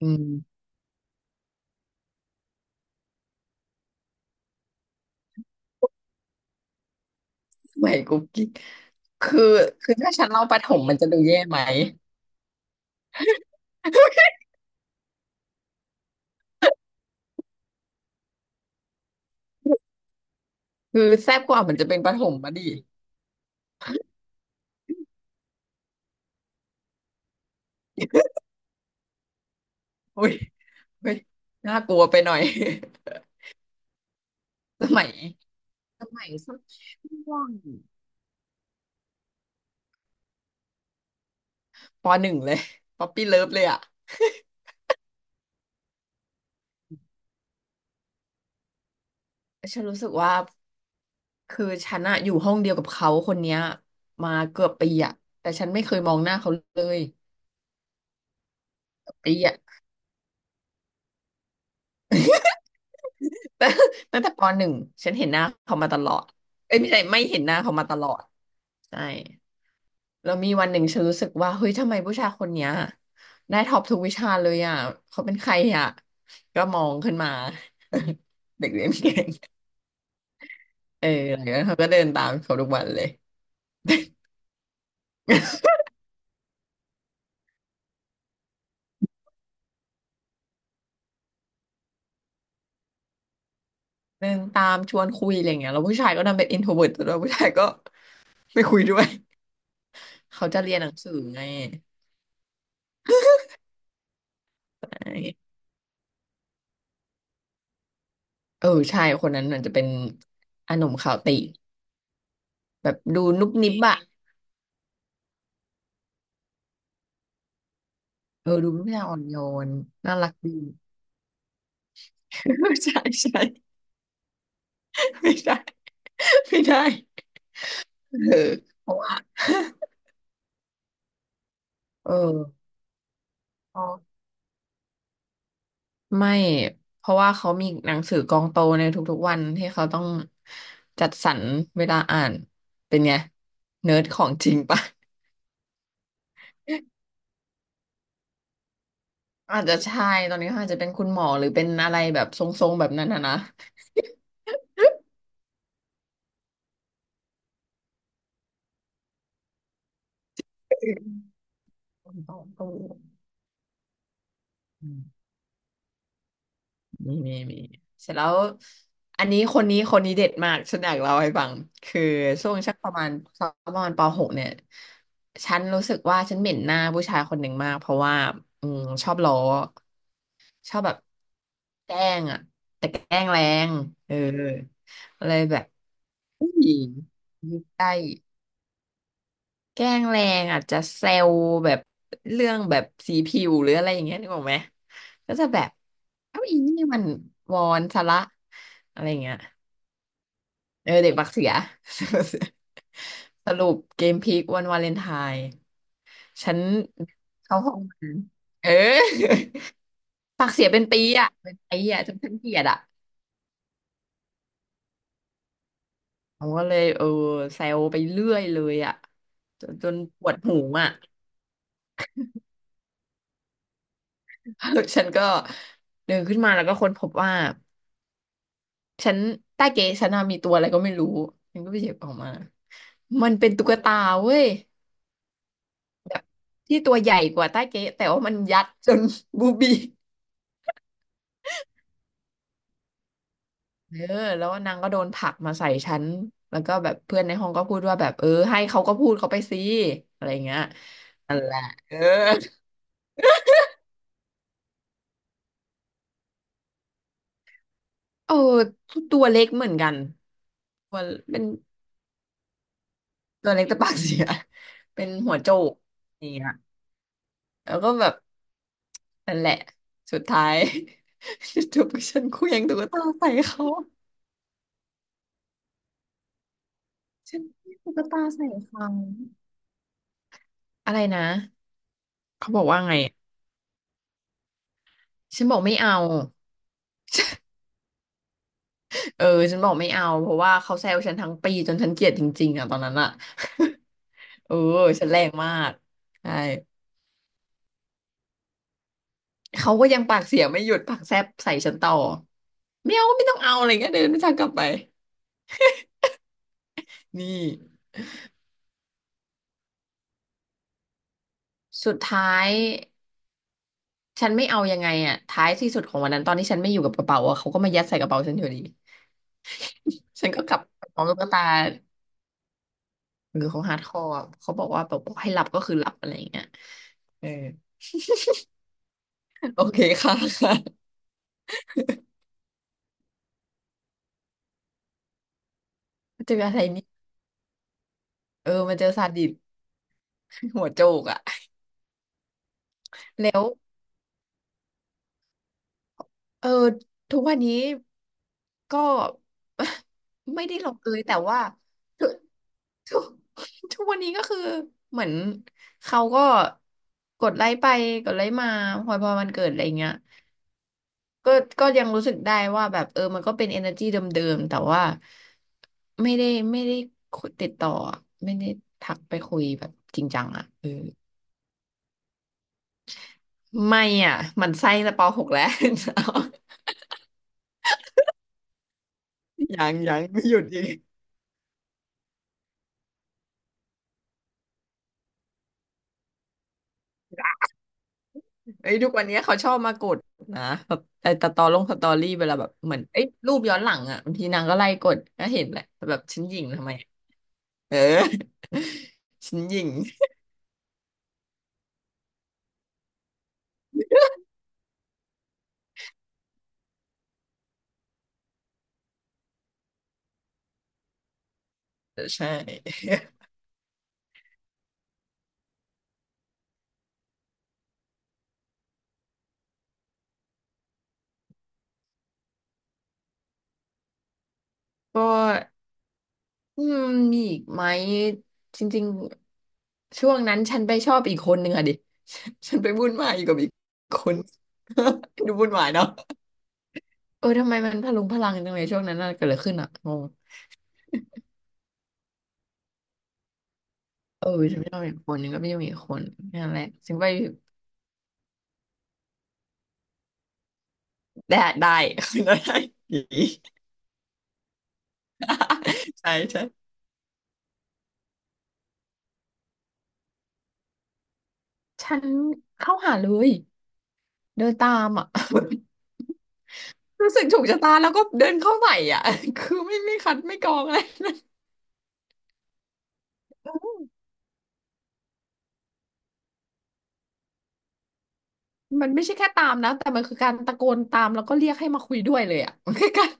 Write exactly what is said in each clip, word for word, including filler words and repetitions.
อืมสมัยกุ๊กกิ๊กคือคือถ้าฉันเล่าประถมมันจะดูแย่ไหม คือแซ่บกว่ามันจะเป็นประถมมาดิ อุ้ยอุ้ยน่ากลัวไปหน่อย สมัยสมัยสักช่วงปหนึ่งเลยป๊อปปี้เลิฟเลยอ่ะฉันรู้สึกว่าคือฉันอะอยู่ห้องเดียวกับเขาคนเนี้ยมาเกือบปีอะแต่ฉันไม่เคยมองหน้าเขาเลยเกือบปีอะ แต่ตั้งแต่ปหนึ่งฉันเห็นหน้าเขามาตลอดเอ้ยไม่ใช่ไม่เห็นหน้าเขามาตลอดใช่ แล้วมีวันหนึ่งฉันรู้สึกว่าเฮ้ยทำไมผู้ชายคนเนี้ยได้ท็อปทุกวิชาเลยอ่ะเขาเป็นใครอ่ะก็มองขึ้นมา เด็กเรียนเก่งเออหลังจากนั้นเขาก็เดินตามเขาทุกวันเลยเดินตามชวนคุยอะไรเงี้ยแล้วผู้ชายก็ดันเป็น ไอ เอ็น ที อาร์ โอ วี อี อาร์ ที แล้วผู้ชายก็ไม่คุยด้วย เขาจะเรียนหนังสือไงใช่เออใช่คนนั้นอาจจะเป็นอาหนุ่มขาวติแบบดูนุบนิบอะเออดูเป็นผู้ชายอ่อนโยนน่ารักดี ใช่ใช่ไม่ได้ไม่ได้ เออเพราะว่า เอออ๋อไม่เพราะว่าเขามีหนังสือกองโตในทุกๆวันที่เขาต้องจัดสรรเวลาอ่านเป็นไงเนิร์ดของจริงปะ อาจจะใช่ตอนนี้เขาอาจจะเป็นคุณหมอหรือเป็นอะไรแบบทรงๆแบบนั้นนะนะ ต้องต้อง มีมีมีเสร็จแล้วอันนี้คนนี้คนนี้เด็ดมาก ฉันอยากเล่าให้ฟังคือช่วงชักประมาณประมาณปหกเนี่ยฉันรู้สึกว่าฉันเหม็นหน้าผู้ชายคนหนึ่งมากเพราะว่าอืมชอบล้อชอบแบบแกล้งอ่ะแต่แกล้งแรงเออเลยแบบอุ้ยยได้ แกล้งแรงอาจจะเซลแบบเรื่องแบบสีผิวหรืออะไรอย่างเงี้ยนึกออกไหมก็จะแบบเอ้าอีนี่มันวอนซะละอะไรอย่างเงี้ยเออเด็กบักเสีย สรุปเกมพลิกวันวาเลนไทน์ฉันเข้าห้องน้ำเออ ปากเสียเป็นปีอ่ะเป็นปีอ่ะจนฉันเกลียดอ่ะผมก็เลยเออเซลไปเรื่อยเลยอ่ะจนจนปวดหูอ่ะ ฉันก็เดินขึ้นมาแล้วก็ค้นพบว่า ฉันใต้เก๋ฉันน่ะมีตัวอะไรก็ไม่รู้ฉันก็ไปหยิบออกมามันเป็นตุ๊กตาเว้ยแบบที่ตัวใหญ่กว่าใต้เก๋แต่ว่ามันยัดจน บูบี้เออแล้วนางก็โดนผลักมาใส่ฉันแล้วก็แบบเพื่อนในห้องก็พูดว่าแบบเออให้เขาก็พูดเขาไปสิอะไรอย่างเงี้ยเออเออตัวเล็กเหมือนกันตัวเป็นตัวเล็กแต่ปากเสีย เป็นหัวโจกอย่างเงี้ยแล้วก็แบบ นั่นแหละสุดท้าย จบกับฉันเคว้งตุ๊กตาใส่เขาฉันเคว้งตุ๊กตาใส่เขาอะไรนะเขาบอกว่าไงฉันบอกไม่เอาเออฉันบอกไม่เอาเพราะว่าเขาแซวฉันทั้งปีจนฉันเกลียดจริงๆอ่ะตอนนั้นอ่ะ เออฉันแรงมากใช่เขาก็ยังปากเสียไม่หยุดปากแซบใส่ฉันต่อไม่เอาไม่ต้องเอาอะไรเงี้ยเดินไม่ทางกลับไปนี่สุดท้ายฉันไม่เอายังไงอ่ะท้ายที่สุดของวันนั้นตอนที่ฉันไม่อยู่กับกระเป๋าอ่ะเขาก็มายัดใส่กระเป๋าฉันอยู่ดี ฉันก็กลับไปพร้อมตุ๊กตาหรือเขาฮาร์ดคอร์เขาบอกว่าแบบบอกให้หลับก็คือหลับอะไรอย่างเงี้ยเออโอเคค่ะค่ะเจออะไรนี่เออมาเจอซาดิสหัวโจกอ่ะเออทุกวันนี้ก็ ไม่ได้ลงเอยแต่ว่าทุกทุกทุกวันนี้ก็คือเหมือนเขาก็กดไลค์ไปกดไลค์มาพอพอวันเกิดอะไรอย่างเงี้ย ก็ก็ยังรู้สึกได้ว่าแบบเออมันก็เป็น energy เดิมๆแต่ว่าไม่ได้ไม่ได้คุยติดต่ออะไม่ได้ทักไปคุยแบบจริงจังอ่ะเออไม่อ่ะหมันไส้แต่ปหกแล้ว ยังยังไม่หยุดอีกเอ้ยทุกวันนี้เขาชอบมากดนะแบบไอ้ตตอลงสตอรี่เวลาแบบเหมือนเอ้ยรูปย้อนหลังอ่ะบางทีนางก็ไล่กดก็เห็นแหละแต่แบบฉันหยิ่งทำไมอะเออ ฉันหยิ่งใช่ก็ อืมมีอีกไหมจริงๆช่วงนั้นฉันไปชอบอีกคนหนึ่งอะดิ ฉันไปวุ่นวายอยู่กับอีกคน ดูวุ่นวายเนาะเออทำไมมันพลุงพลังจังเลยช่วงนั้นน่ะเกิดอะไรขึ้นอะงงเออฉันไม่ชอบอีกคนหนึ่งก็ไม่ชอบอีกคนนั่นแหละฉันไปได้ได้ ได้ผี ใช่ใช่ฉันเข้าหาเลยเดินตามอะ รู้สึกถูกชะตาแล้วก็เดินเข้าใส่อะ คือไม่ไม่คัดไม่กรองอะไร มันไม่ใช่แค่ตามนะแต่มันคือการตะโกนตามแล้วก็เรียกให้มาคุยด้วยเลยอ่ะ มันคือการ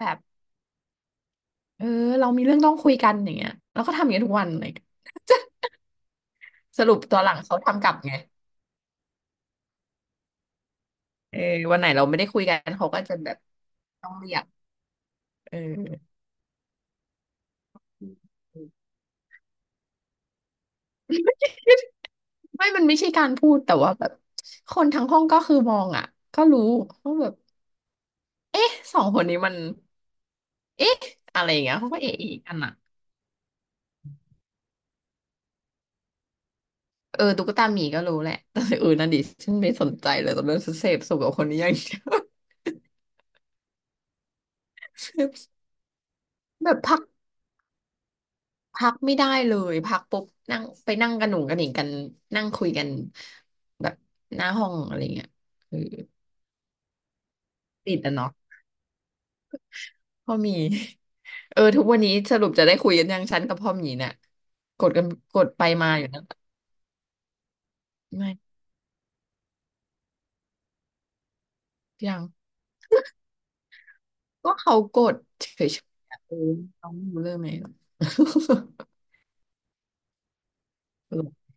แบบเออเรามีเรื่องต้องคุยกันอย่างเงี้ยแล้วก็ทำอย่างเงี้ยทุกวันเลยสรุปตอนหลังเขาทำกลับไงเออวันไหนเราไม่ได้คุยกันเขาก็จะแบบต้องเรียกเออ ไม่มันไม่ใช่การพูดแต่ว่าแบบคนทั้งห้องก็คือมองอ่ะก็รู้ว่าแบบเอ๊ะสองคนนี้มันเอ๊ะอะไรอย่างเงี้ยเขาก็เอ๊ะอีกอันอ่ะ เออตุ๊กตาหมีก็รู้แหละ แต่อื่นนั่นดิฉันไม่สนใจเลยตอนนั้นฉันเสพสุขกับคนนี้อย่างเดียว แบบพักพักไม่ได้เลยพักปุ๊บนั่งไปนั่งกันหนุ่งกันหนิงกันนั่งคุยกันแบบหน้าห้องอะไรเงี้ยเออติดอ่ะเนาะพ่อหมี เออทุกวันนี้สรุปจะได้คุยกันยังฉันกับพ่อหมีเนี่ยกดกันกดไปมาอยู่นะไม่ยังก็เขากดเฉยๆอะเออน้องรู้เรื่องไหม ตลก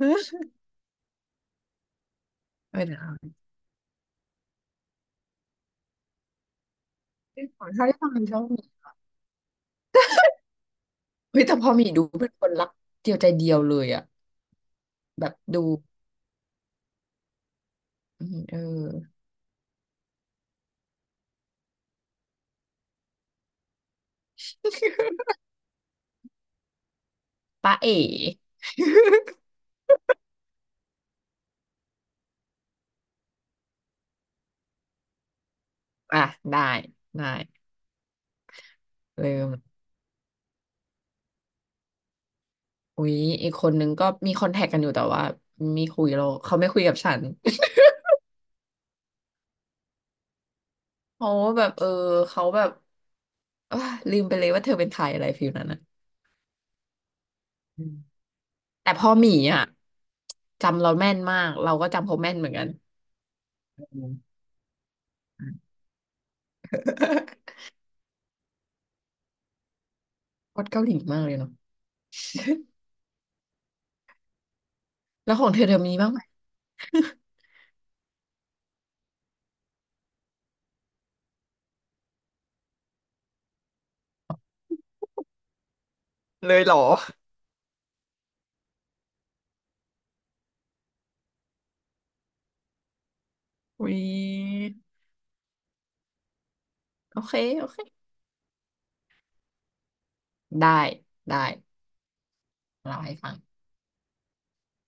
เออเดี๋ยวนะขอเท่าที่ฟังชอบ เฮ้ยแต่พอหมีดูเป็นคนรักเดียวใจเดียวเลยอะแบบดูอืมเออป้าเอ๋ อ่ะได้ได้เริ่มอุ๊ยอีกคนนึงก็มีคอนแทคกันอยู่แต่ว่าไมีคุยเราเขาไม่คุยกับฉัน เขาะว่าแบบเออเขาแบบ อ่ะลืมไปเลยว่าเธอเป็นใครอะไรฟิลนั้นนะอืมแต่พอหมีอ่ะจำเราแม่นมากเราก็จำเขาแม่นเหมือนกันอืม โคตเกาหลีมากเลยเนาะแล้วของเธอเธอมีบ้างไหมเลยเหรออุ๊ยโอเคโอเค ได้ได้เล่าให้ฟัง